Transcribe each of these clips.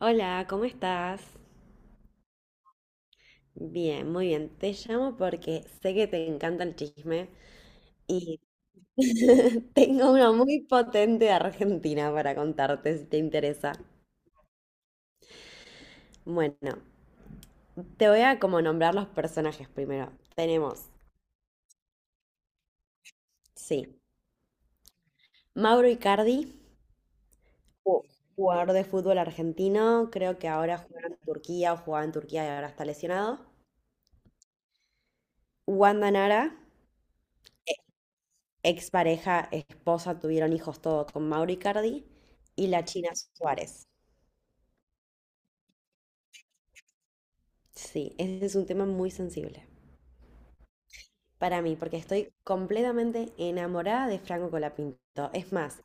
Hola, ¿cómo estás? Bien, muy bien. Te llamo porque sé que te encanta el chisme y tengo uno muy potente de Argentina para contarte si te interesa. Bueno, te voy a como nombrar los personajes primero. Tenemos, sí, Mauro Icardi, ju- jugador de fútbol argentino, creo que ahora juega en Turquía o jugaba en Turquía y ahora está lesionado. Wanda Nara, expareja, esposa, tuvieron hijos todo con Mauro Icardi y la China Suárez. Sí, ese es un tema muy sensible para mí, porque estoy completamente enamorada de Franco Colapinto. Es más,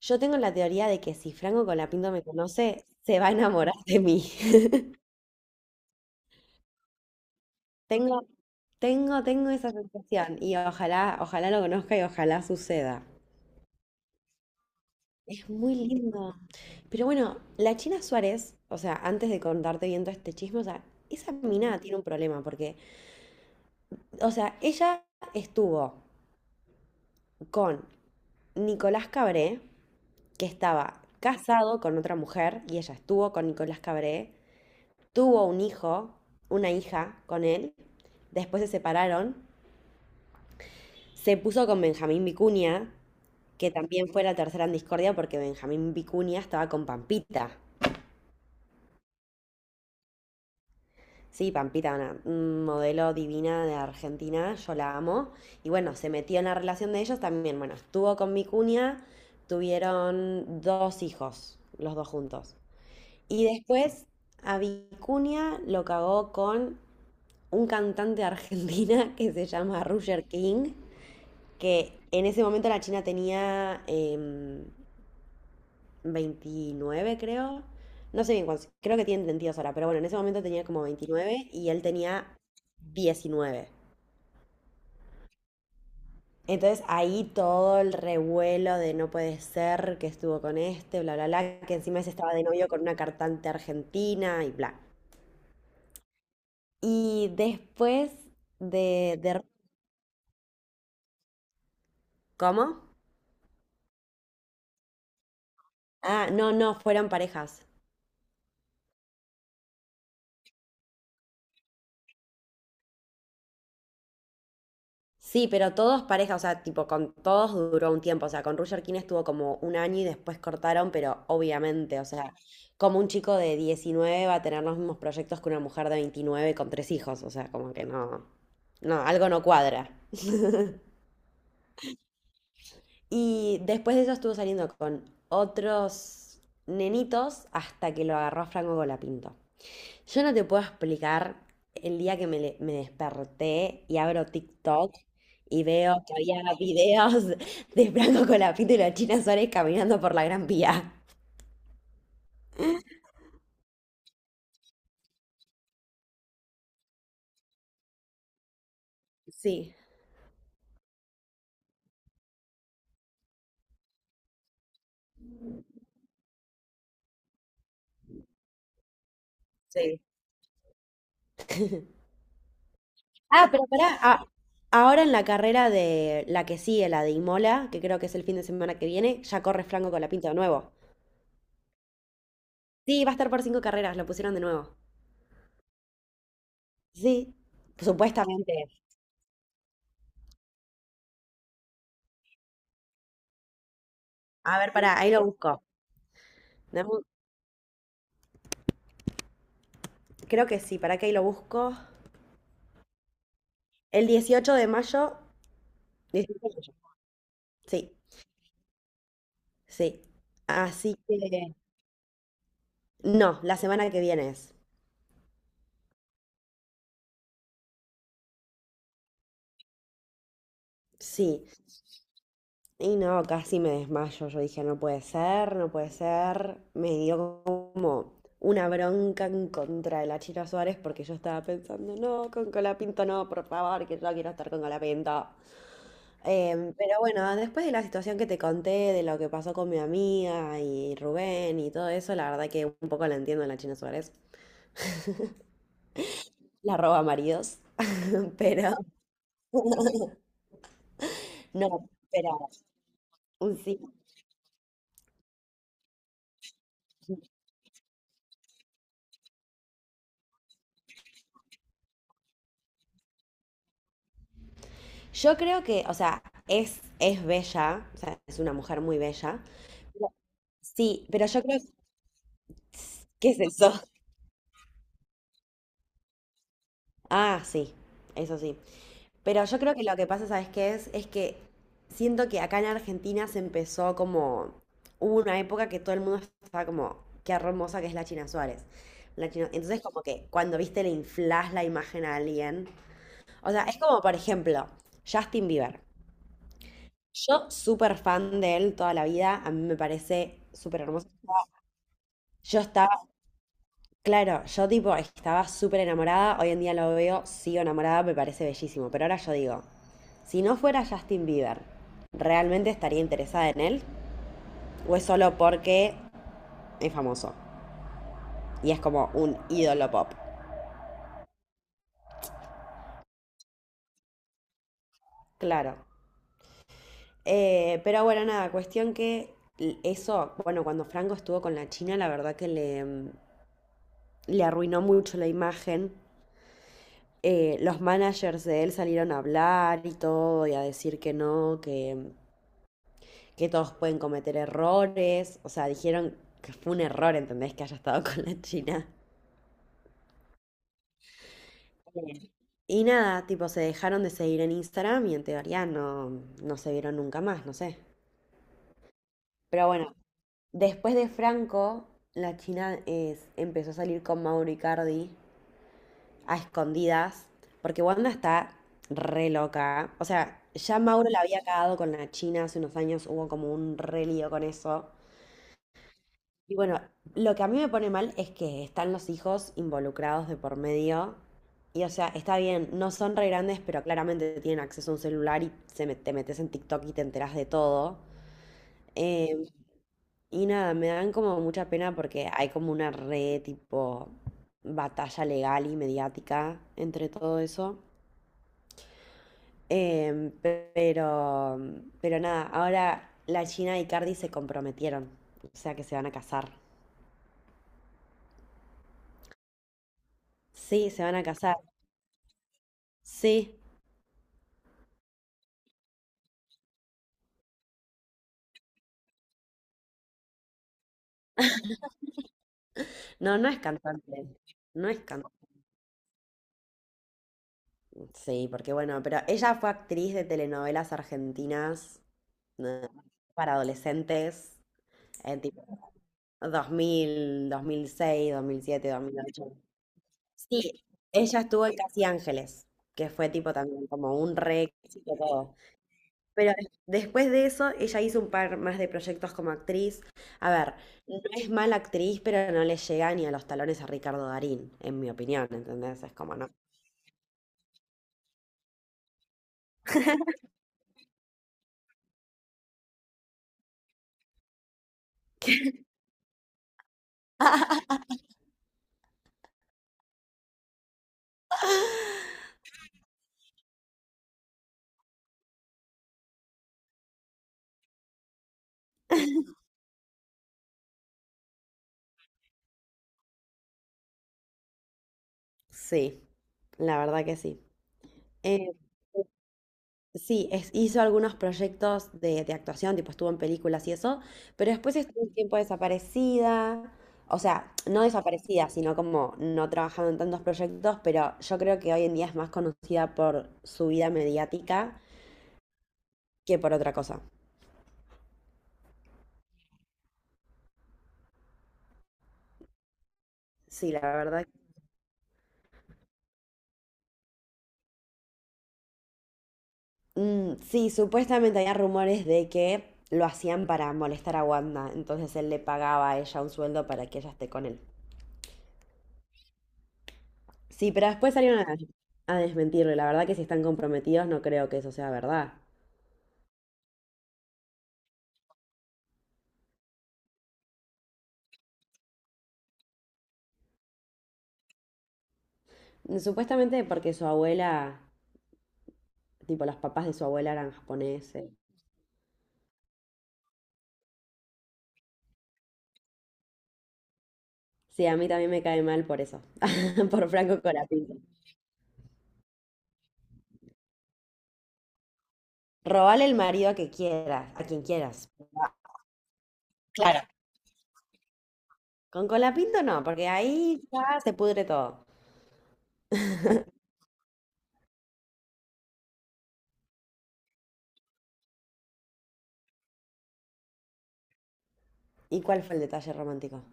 yo tengo la teoría de que si Franco Colapinto me conoce, se va a enamorar de mí. Tengo, tengo esa sensación y ojalá lo conozca y ojalá suceda. Es muy lindo. Pero bueno, la China Suárez, o sea, antes de contarte bien todo este chisme, o sea, esa mina tiene un problema porque, o sea, ella estuvo con Nicolás Cabré, que estaba casado con otra mujer, y ella estuvo con Nicolás Cabré, tuvo un hijo, una hija con él, después se separaron, se puso con Benjamín Vicuña, que también fue la tercera en discordia porque Benjamín Vicuña estaba con Pampita. Sí, Pampita, una un modelo divina de Argentina, yo la amo. Y bueno, se metió en la relación de ellos también. Bueno, estuvo con mi cuña, tuvieron dos hijos, los dos juntos. Y después a Vicuña lo cagó con un cantante de Argentina que se llama Roger King, que en ese momento la China tenía 29, creo. No sé bien cuántos, creo que tienen 22 ahora, pero bueno, en ese momento tenía como 29 y él tenía 19. Entonces ahí todo el revuelo de no puede ser que estuvo con este, bla, bla, bla, que encima ese estaba de novio con una cantante argentina y bla. Y después de, de... ¿Cómo? Ah, no, no, fueron parejas. Sí, pero todos pareja, o sea, tipo, con todos duró un tiempo, o sea, con Roger King estuvo como un año y después cortaron, pero obviamente, o sea, como un chico de 19 va a tener los mismos proyectos que una mujer de 29 con tres hijos, o sea, como que no, no, algo no cuadra. Y después de eso estuvo saliendo con otros nenitos hasta que lo agarró a Franco Golapinto. Yo no te puedo explicar el día que me desperté y abro TikTok y veo que había videos de Franco Colapinto y la China Suárez caminando por la Gran Vía. Sí, sí. Ah, pero pará, ahora en la carrera de la que sigue, la de Imola, que creo que es el fin de semana que viene, ya corre Franco Colapinto de nuevo. Sí, va a estar por cinco carreras, lo pusieron de nuevo. Sí, supuestamente. A ver, pará, ahí lo busco. Dame un- Creo que sí, pará que ahí lo busco. El 18 de mayo, 18. Sí, sí. Así que, no, la semana que viene es. Sí. Y no, casi me desmayo. Yo dije, no puede ser, no puede ser. Me dio como una bronca en contra de la Chira Suárez porque yo estaba pensando, no, con Colapinto no, por favor, que yo quiero estar con Colapinto. Pero bueno, después de la situación que te conté, de lo que pasó con mi amiga y Rubén y todo eso, la verdad que un poco la entiendo a la China Suárez. La roba maridos, pero... No, pero un sí. Yo creo que, o sea, es bella, o sea, es una mujer muy bella. pero- sí, pero yo creo que es eso. Ah, sí, eso sí. Pero yo creo que lo que pasa, ¿sabes qué es? Es que siento que acá en Argentina se empezó como, hubo una época que todo el mundo estaba como, qué hermosa que es la China Suárez. Entonces como que cuando viste le inflás la imagen a alguien. O sea, es como, por ejemplo, Justin Bieber. Yo súper fan de él toda la vida, a mí me parece súper hermoso. Yo estaba, claro, yo tipo estaba súper enamorada, hoy en día lo veo, sigo enamorada, me parece bellísimo, pero ahora yo digo, si no fuera Justin Bieber, ¿realmente estaría interesada en él? ¿O es solo porque es famoso y es como un ídolo pop? Claro. Pero bueno, nada, cuestión que eso, bueno, cuando Franco estuvo con la China, la verdad que le arruinó mucho la imagen. Los managers de él salieron a hablar y todo, y a decir que no, que todos pueden cometer errores. O sea, dijeron que fue un error, ¿entendés? Que haya estado con la China. Sí. Y nada, tipo, se dejaron de seguir en Instagram y en teoría no, no se vieron nunca más, no sé. Pero bueno, después de Franco, la China empezó a salir con Mauro Icardi a escondidas, porque Wanda está re loca. O sea, ya Mauro la había cagado con la China hace unos años, hubo como un re lío con eso. Y bueno, lo que a mí me pone mal es que están los hijos involucrados de por medio. Y o sea, está bien, no son re grandes, pero claramente tienen acceso a un celular y te metes en TikTok y te enterás de todo. Eh, y nada, me dan como mucha pena porque hay como una re tipo batalla legal y mediática entre todo eso. Em, pero, pero nada, ahora la Gina y Cardi se comprometieron, o sea que se van a casar. Sí, se van a casar. Sí. No, no es cantante. No es cantante. Sí, porque bueno, pero ella fue actriz de telenovelas argentinas, eh, para adolescentes, en tipo dos mil seis, siete, 2008. Sí, ella estuvo en Casi Ángeles, que fue tipo también como un re éxito todo. Pero después de eso, ella hizo un par más de proyectos como actriz. A ver, no es mala actriz, pero no le llega ni a los talones a Ricardo Darín, en mi opinión, ¿entendés? Es como no. Sí, la verdad que sí. Eh, sí, hizo algunos proyectos de actuación, tipo estuvo en películas y eso, pero después estuvo un tiempo desaparecida. O sea, no desaparecida, sino como no trabajando en tantos proyectos, pero yo creo que hoy en día es más conocida por su vida mediática que por otra cosa. Sí, la verdad. Mm, sí, supuestamente había rumores de que lo hacían para molestar a Wanda, entonces él le pagaba a ella un sueldo para que ella esté con él. Sí, pero después salieron a desmentirlo, y la verdad que si están comprometidos no creo que eso sea verdad. Supuestamente porque su abuela, tipo los papás de su abuela eran japoneses. Sí, a mí también me cae mal por eso, por Franco Colapinto. Robale el marido que quieras, a quien quieras. Claro. Con Colapinto no, porque ahí ya se pudre todo. ¿Y cuál fue el detalle romántico?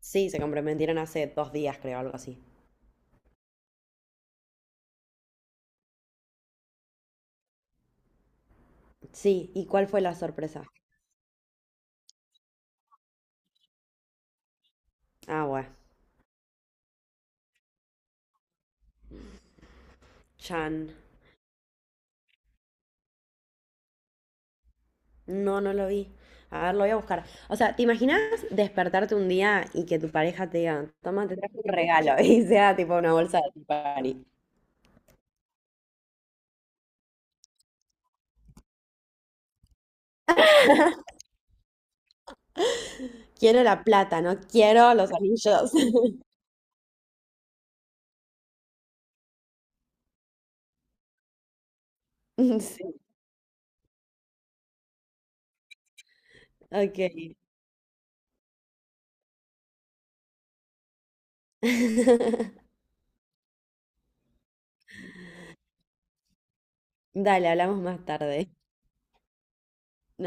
Sí, se comprometieron hace 2 días, creo, algo así. Sí, ¿y cuál fue la sorpresa? Ah, bueno. Chan. No, no lo vi. A ver, lo voy a buscar. O sea, ¿te imaginas despertarte un día y que tu pareja te diga, toma, te traje un regalo? Y sea tipo una bolsa de Tiffany. Quiero la plata, no quiero los anillos. Sí, ok. Dale, hablamos más tarde.